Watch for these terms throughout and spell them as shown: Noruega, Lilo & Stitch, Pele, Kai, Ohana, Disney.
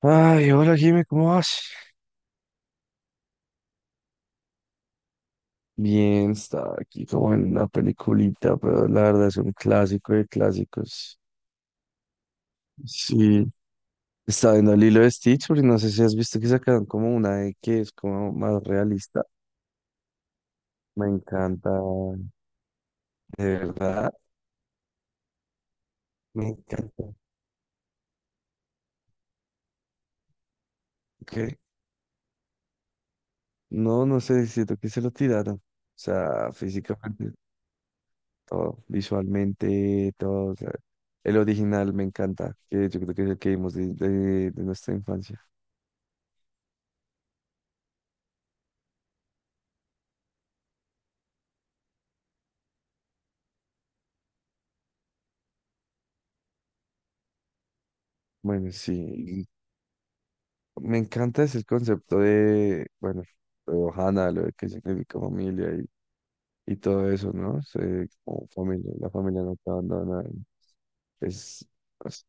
Ay, hola Jimmy, ¿cómo vas? Bien, estaba aquí como en una peliculita, pero la verdad es un clásico de clásicos. Sí, estaba viendo Lilo de Stitch, porque no sé si has visto que sacaron como una de que es como más realista. Me encanta, de verdad, me encanta. ¿Qué? No, no sé, siento que se lo tiraron. O sea, físicamente, todo, visualmente, todo, o sea, el original me encanta, que yo creo que es el que vimos de nuestra infancia. Bueno, sí, me encanta ese concepto de, bueno, lo de Ohana, lo de que significa familia y todo eso, ¿no? Sé, como familia, la familia no te abandona. Es, es-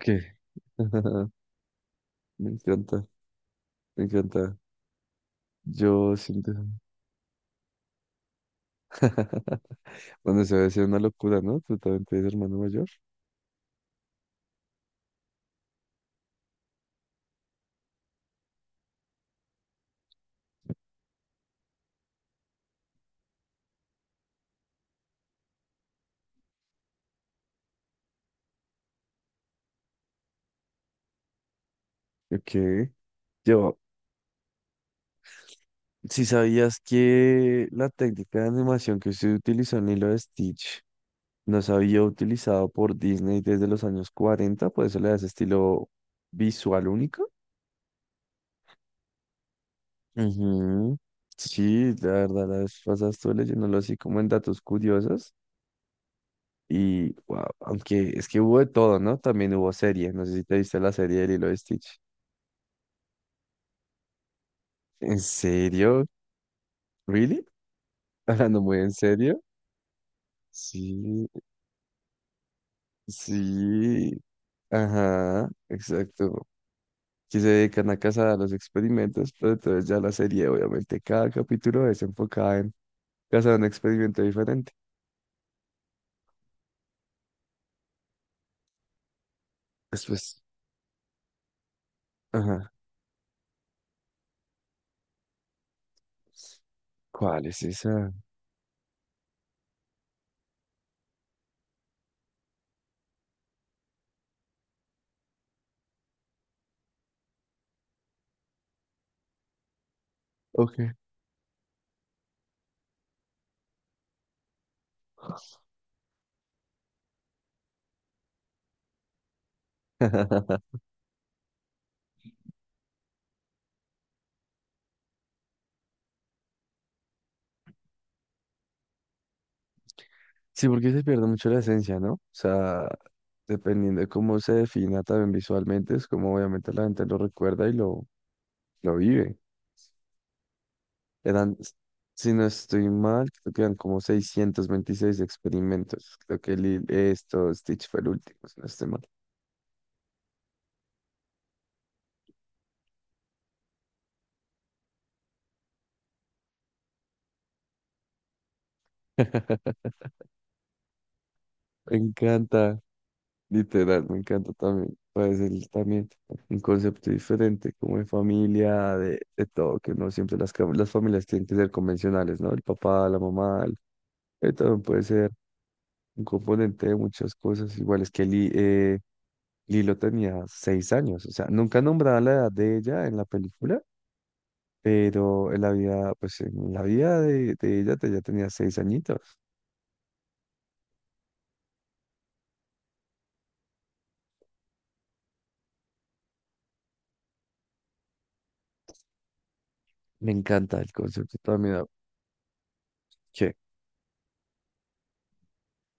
¿Qué? Me encanta, me encanta. Yo siento, bueno, se va a decir una locura, ¿no? Tú también tienes hermano mayor. Ok. Yo, si sabías que la técnica de animación que se utilizó en Lilo de Stitch no se había utilizado por Disney desde los años 40, por eso le da ese estilo visual único. Ujú. Sí, la verdad, la vez pasada estuve leyéndolo así como en datos curiosos. Y wow, aunque es que hubo de todo, ¿no? También hubo serie. No sé si te viste la serie de Lilo y Stitch. ¿En serio? ¿Really? ¿Hablando muy en serio? Sí, sí. Ajá, exacto, que se dedican a cazar a los experimentos, pero entonces ya la serie, obviamente, cada capítulo es enfocada en cazar un experimento diferente. Después, ajá, ¿cuál es esa? Ok. Sí, porque se pierde mucho la esencia, ¿no? O sea, dependiendo de cómo se defina también visualmente, es como obviamente la gente lo recuerda y lo vive. Eran, s- si no estoy mal, creo que eran como 626 experimentos. Creo que Stitch fue el último, si no estoy mal. Me encanta. Literal, me encanta también. También un concepto diferente, como de familia, de todo, que no siempre las familias tienen que ser convencionales, ¿no? El papá, la mamá, también puede ser un componente de muchas cosas. Igual es que Li- Lilo tenía 6 años, o sea, nunca nombraba la edad de ella en la película, pero en la vida, pues en la vida de ya tenía 6 añitos. Me encanta el concepto también, que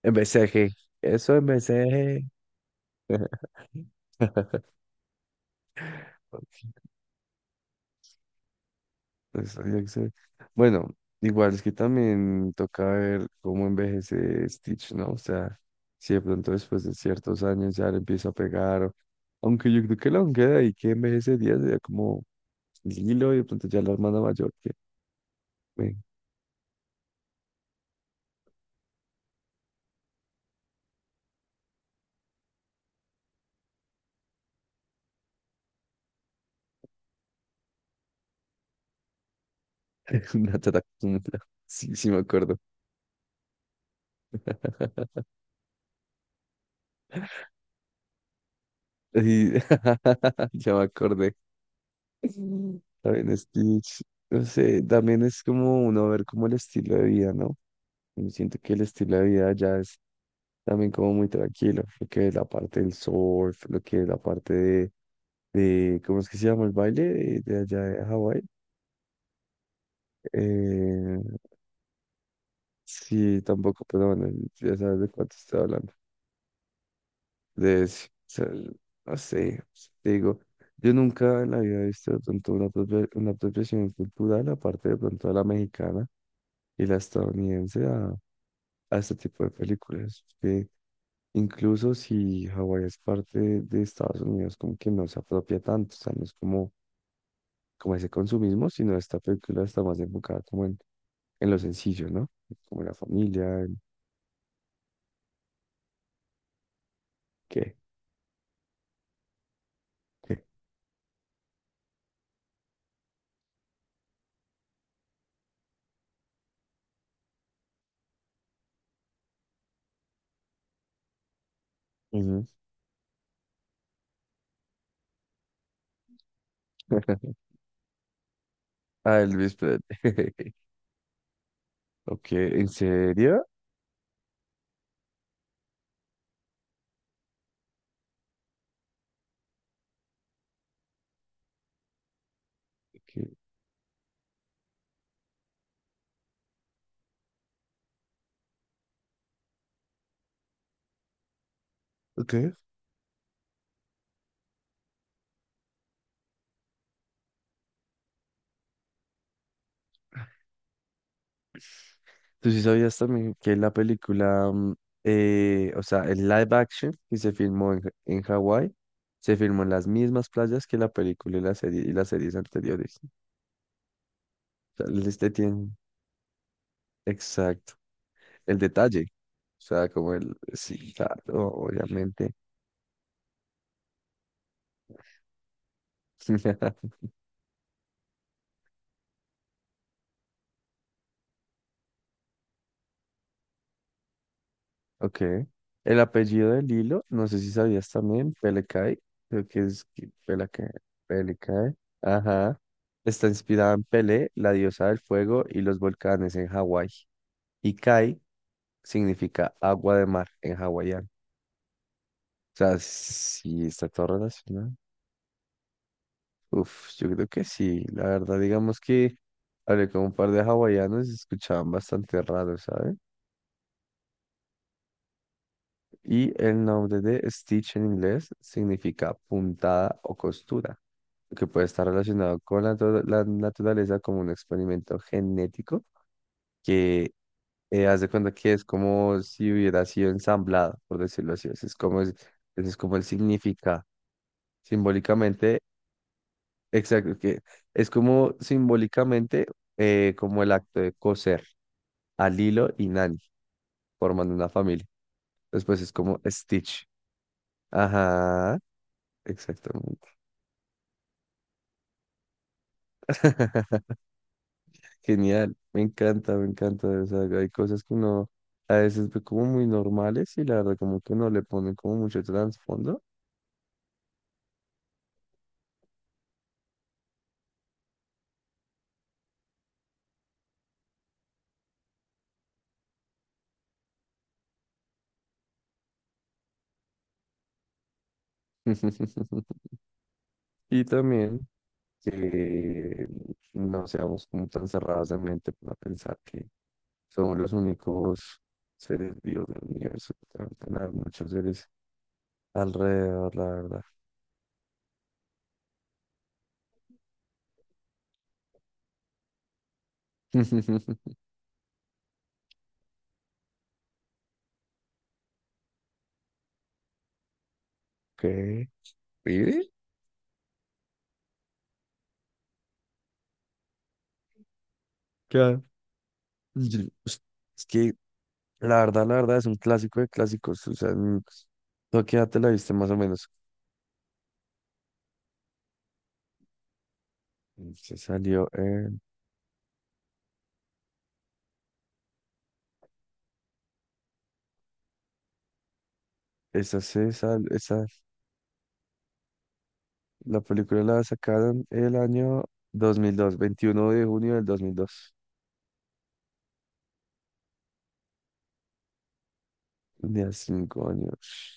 envejece, eso envejece. Pues, había que ser- Bueno, igual es que también toca ver cómo envejece Stitch, ¿no? O sea, si de pronto después de ciertos años ya le empieza a pegar, o aunque yo creo que la queda y que envejece días sería como Lilo y de pronto ya la hermana mayor que me una tata. Sí, sí me acuerdo. Y ya me acordé. También Stitch, no sé, también es como uno ver como el estilo de vida, ¿no? Y siento que el estilo de vida ya es también como muy tranquilo, lo que es la parte del surf, lo que es la parte de, ¿de cómo es que se llama el baile de allá de Hawái? Eh, sí, tampoco, pero bueno, ya sabes de cuánto estoy hablando, de ese, o sea, no sé, te digo, yo nunca en la vida he visto de pronto una, una apropiación cultural, aparte de pronto de la mexicana y la estadounidense, a este tipo de películas, que incluso si Hawái es parte de Estados Unidos, como que no se apropia tanto, o sea, no es como, como ese consumismo, sino esta película está más enfocada como en lo sencillo, ¿no? Como la familia, el qué. Ujú. Ah, el Luis Pérez. Ok, ¿en serio? Ok, ok. ¿Tú sí sabías también que la película, o sea, el live action que se filmó en, en Hawái, se filmó en las mismas playas que la película y la serie y las series anteriores? O sea, este tiene exacto. El detalle. O sea, como el... Sí, claro, obviamente. Ok. El apellido de Lilo, no sé si sabías también, Pelecae, creo que Pelecae, Pelecae, ajá. Está inspirada en Pele, la diosa del fuego y los volcanes en Hawái. Y Kai significa agua de mar en hawaiano. O sea, sí, está todo relacionado. Uf, yo creo que sí. La verdad, digamos que hablé con un par de hawaianos y se escuchaban bastante raro, ¿sabes? Y el nombre de Stitch en inglés significa puntada o costura, que puede estar relacionado con la, la naturaleza como un experimento genético que haz de cuenta que es como si hubiera sido ensamblado, por decirlo así. Ese es como, es, ese es como el significado. Simbólicamente, exacto, que es como simbólicamente como el acto de coser a Lilo y Nani formando una familia. Después es como Stitch. Ajá, exactamente. Genial, me encanta, me encanta. O sea, hay cosas que uno a veces ve como muy normales y la verdad como que no le ponen como mucho trasfondo. Y también que no seamos como tan cerrados de mente para pensar que somos los únicos seres vivos del universo, que deben tener muchos seres alrededor, la verdad. ¿Qué? ¿Vive? Claro. Yo, pues, es que la verdad es un clásico de clásicos. O sea, tú qué edad te la viste más o menos. Se salió en... Esa se sal... Esa... La película la sacaron el año 2002, 21 de junio de 2002. De a 5 años.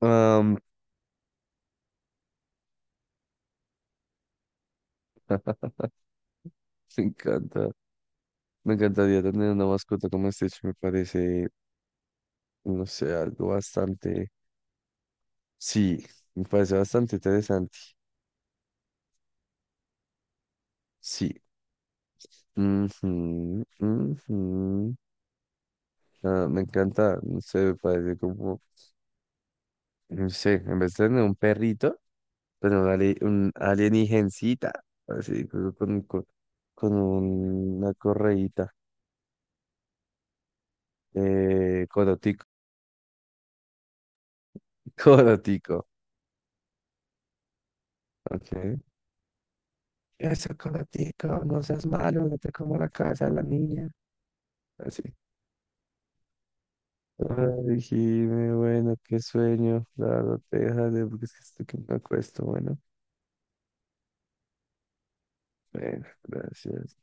Am, me encanta. Me encantaría tener una mascota como Stitch. Me parece, no sé, algo bastante. Sí, me parece bastante interesante. Sí. Ujú, ujú. Ah, me encanta. No sé, me parece como. No sé, en vez de tener un perrito, pero un, un alienígencita. Así, con una correíta. Corotico. Corotico. Ok. Eso, Coratico, no seas malo, no te como la cabeza de la niña. Así. Ay, Jime, bueno, qué sueño. La verdad, te dejaré porque es que estoy que me acuesto. Bueno, bueno, gracias.